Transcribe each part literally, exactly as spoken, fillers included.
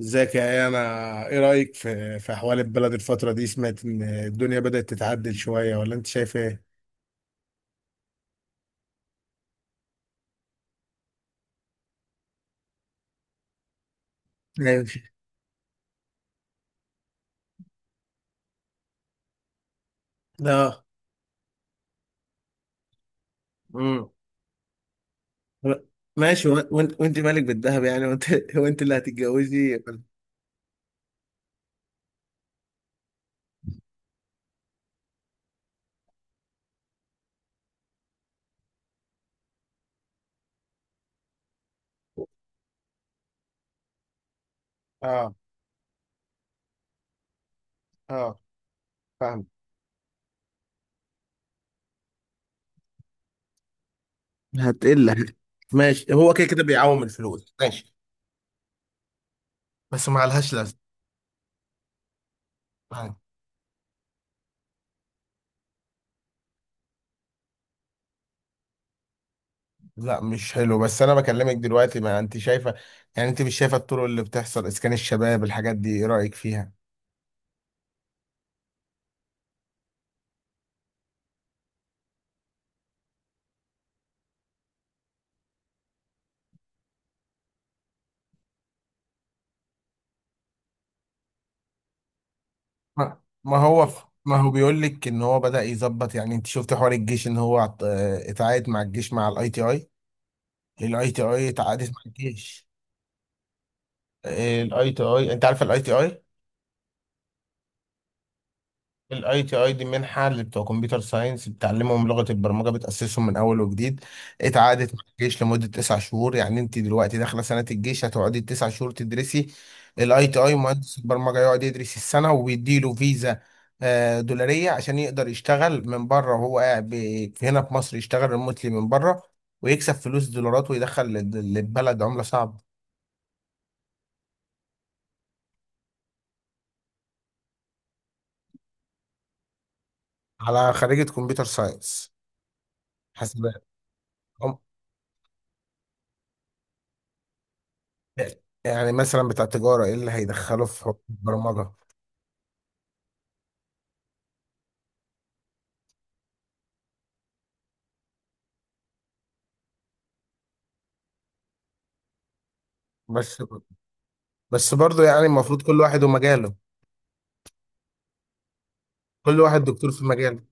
ازيك يا ايه انا؟ ايه رايك في في احوال البلد الفتره دي؟ سمعت ان الدنيا بدات تتعدل شويه، ولا انت شايف ايه؟ ماشي. اه. امم. ماشي. وانت وانت مالك بالذهب يعني؟ وانت وانت اللي هتتجوزي. اه. اه. فاهم. هتقل. ماشي، هو كده كده بيعوم الفلوس. ماشي، بس ما لهاش لازمه. آه. لا مش حلو، بس انا بكلمك دلوقتي، ما انت شايفه؟ يعني انت مش شايفه الطرق اللي بتحصل، اسكان الشباب، الحاجات دي، ايه رايك فيها؟ ما ما هو، ما هو بيقول لك ان هو بدأ يظبط. يعني انت شفت حوار الجيش ان هو عط- آه، اتعاقد مع الجيش، مع الاي تي اي. الاي تي اي اتعاقدت مع الجيش. الاي تي اي، انت عارف الاي تي اي؟ الاي تي اي دي منحه اللي بتوع كمبيوتر ساينس بتعلمهم لغه البرمجه، بتاسسهم من اول وجديد. اتعادت مع الجيش لمده تسع شهور. يعني انت دلوقتي داخله سنه الجيش هتقعدي تسع شهور تدرسي الاي تي اي، مهندس البرمجه يقعد يدرس السنه وبيديله فيزا آه، دولاريه عشان يقدر يشتغل من بره وهو قاعد ب- هنا في مصر، يشتغل ريموتلي من بره ويكسب فلوس دولارات ويدخل لل- للبلد عمله صعبه. على خريجه كمبيوتر ساينس. حسب. يعني مثلا بتاع تجارة، ايه اللي هيدخله في حوار البرمجة؟ بس. بس برضه يعني المفروض كل واحد ومجاله. كل واحد دكتور في مجاله.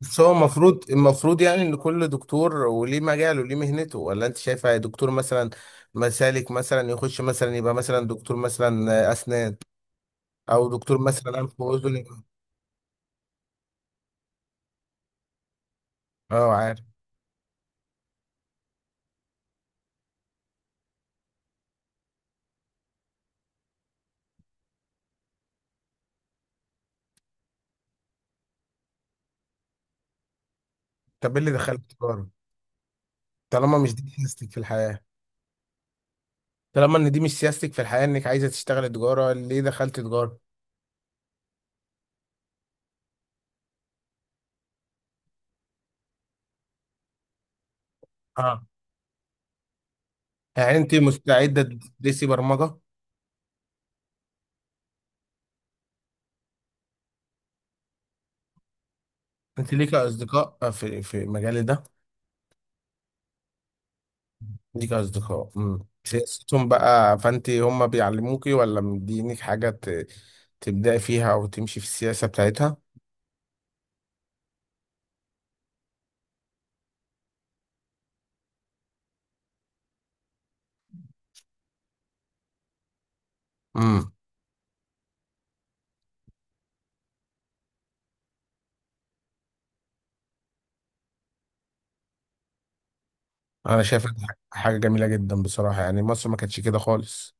بس هو المفروض المفروض يعني ان كل دكتور وليه مجاله وليه مهنته. ولا انت شايفه دكتور مثلا مسالك مثلا يخش مثلا يبقى مثلا دكتور مثلا اسنان، او دكتور مثلا انف واذن؟ اه، عارف. طب ايه اللي دخلك تجارة؟ طالما مش دي سياستك في الحياة. طالما ان دي مش سياستك في الحياة، انك عايزة تشتغل تجارة، ليه دخلت تجارة؟ اه. يعني انت مستعده تدرسي برمجه؟ انت ليك اصدقاء آه، في في مجالي ده؟ ليك اصدقاء، امم سياستهم بقى، فانت هم بيعلموكي ولا مدينك حاجه ت... تبداي فيها او تمشي في السياسه بتاعتها؟ امم. انا شايف إن ح- حاجه جميله جدا بصراحه، يعني مصر ما كانتش كده خالص.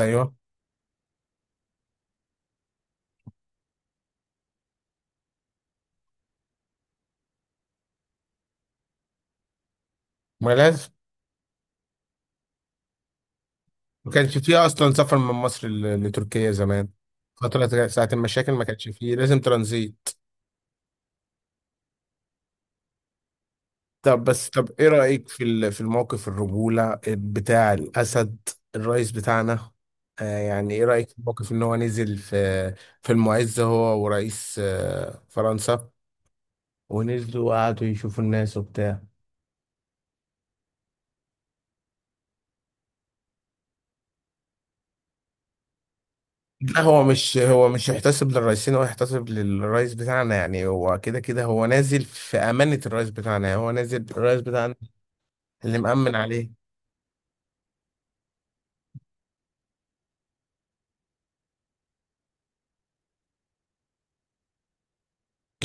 ايوه. ما لازم. ما كانش فيه اصلا سفر من مصر ل... لتركيا زمان. فتره ساعه المشاكل ما كانش فيه، لازم ترانزيت. طب بس، طب ايه رأيك في ال- في الموقف الرجولة بتاع الأسد؟ الرئيس بتاعنا. آه يعني ايه رأيك في الموقف ان هو نزل في، في المعز، هو ورئيس آه فرنسا، ونزلوا وقعدوا يشوفوا الناس وبتاع؟ لا، هو مش هو مش يحتسب للرئيسين، هو يحتسب للرئيس بتاعنا. يعني هو كده كده هو نازل في أمانة الرئيس بتاعنا، يعني هو نازل الرئيس بتاعنا اللي مأمن عليه.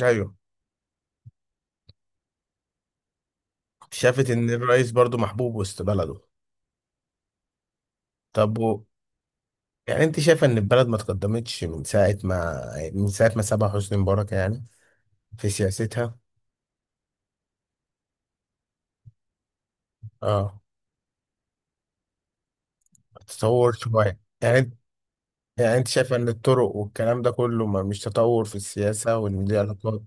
ايوه، شافت ان الرئيس برضو محبوب وسط بلده. طب و- يعني انت شايفه ان البلد ما تقدمتش من ساعه ما من ساعه ما سابها حسني مبارك يعني؟ في سياستها. اه. تطور شويه، يعني انت- يعني انت شايفه ان الطرق والكلام ده كله ما مش تطور في السياسه وان دي علاقات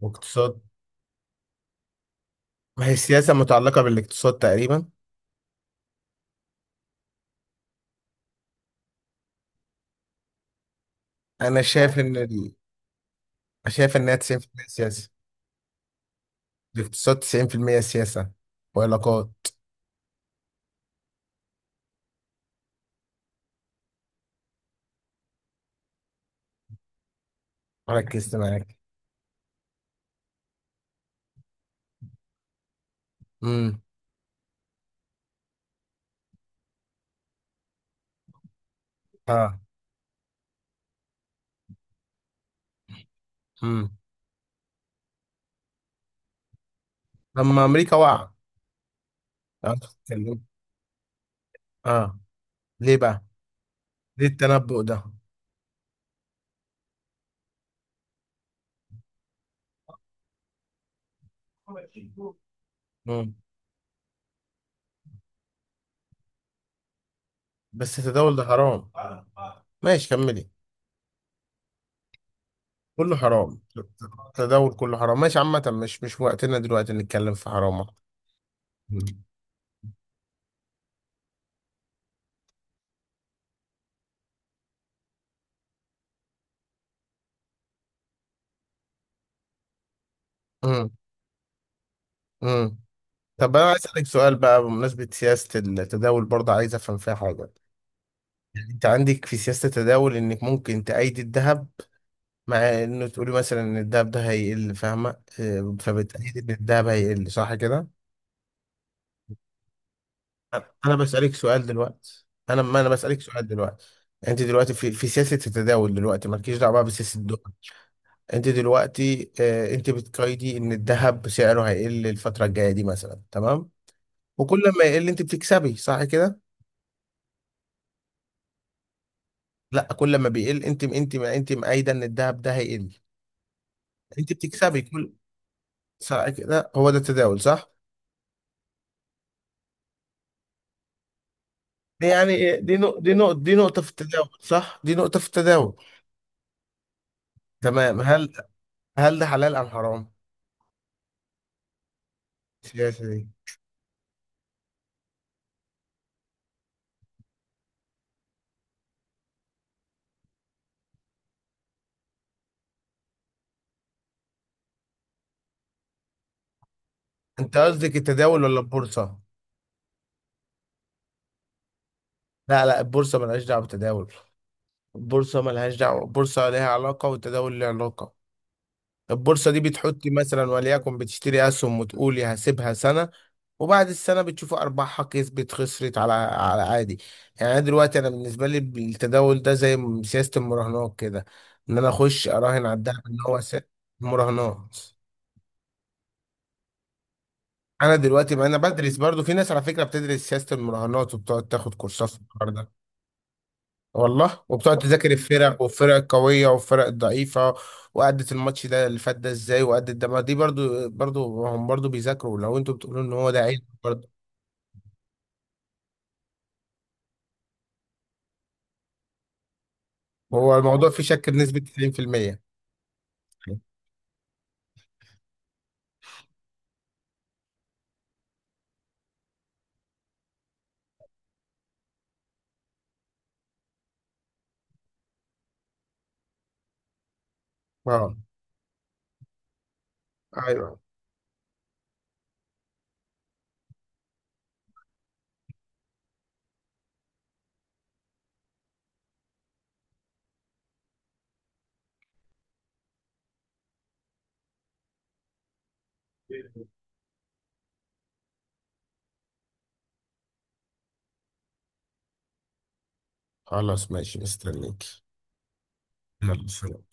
واقتصاد؟ ما هي السياسه متعلقه بالاقتصاد تقريبا. انا شايف ان ال... شايف انها تسعين بالمية سياسه. الاقتصاد تسعين بالمية سياسه وعلاقات. ركزت معاك. امم. اه. امم. لما امريكا وقع. اه، اتكلمت. اه. ليه بقى؟ ليه التنبؤ ده؟ مم. بس التداول ده حرام. ماشي، كملي. كله حرام. التداول كله حرام، ماشي. عامة، مش مش وقتنا دلوقتي نتكلم في حرام. امم. امم. طب انا عايز اسالك سؤال بقى، بمناسبه سياسه التداول برضه عايز افهم فيها حاجه. يعني انت عندك في سياسه التداول انك ممكن تأيد الذهب، مع انه تقولي مثلا ان الذهب ده هيقل، فاهمه؟ آه، فبتأيد ان الذهب هيقل، صح كده؟ انا بسالك سؤال دلوقتي، انا ما انا بسالك سؤال دلوقتي. انت دلوقتي في في سياسه التداول دلوقتي، مالكيش دعوه بقى بسياسه الدول. انت دلوقتي آه انت بتقيدي ان الذهب سعره هيقل الفتره الجايه دي مثلا، تمام؟ وكل ما يقل انت بتكسبي، صح كده؟ لا، كل ما بيقل انت، انت انت مأيده ان الذهب ده هيقل. انت بتكسبي كل، صح كده؟ هو ده التداول، صح؟ يعني إيه؟ دي نقطة، دي نقطة دي نقطة في التداول، صح، دي نقطة في التداول. تمام. هل هل ده حلال أم حرام، السياسة دي؟ انت قصدك التداول ولا البورصة؟ لا، لا البورصة ملهاش دعوة بالتداول. البورصة ملهاش دعوة، البورصة ليها علاقة والتداول ليه علاقة. البورصة دي بتحطي مثلا، وليكن بتشتري أسهم وتقولي هسيبها سنة، وبعد السنة بتشوفي أرباحها، كسبت خسرت، على على عادي. يعني أنا دلوقتي أنا بالنسبة لي التداول ده زي م- سياسة المراهنات كده. إن أنا أخش أراهن على الدهب إن هو س- المراهنات. أنا دلوقتي ما أنا بدرس، برضو في ناس على فكرة بتدرس سياسة المراهنات وبتقعد تاخد كورسات في الحوار ده. والله، وبتقعد تذاكر الفرق، والفرق القوية والفرق الضعيفة، وأدت الماتش ده اللي فات ده ازاي، وأدت ده. ما دي برضو، برضو هم برضو بيذاكروا، لو انتوا بتقولوا ان هو ده عيب برضو. هو الموضوع فيه شك بنسبة تسعين في المية. اه. ايوه. خلاص، ماشي، مستنيك. يلا سلام.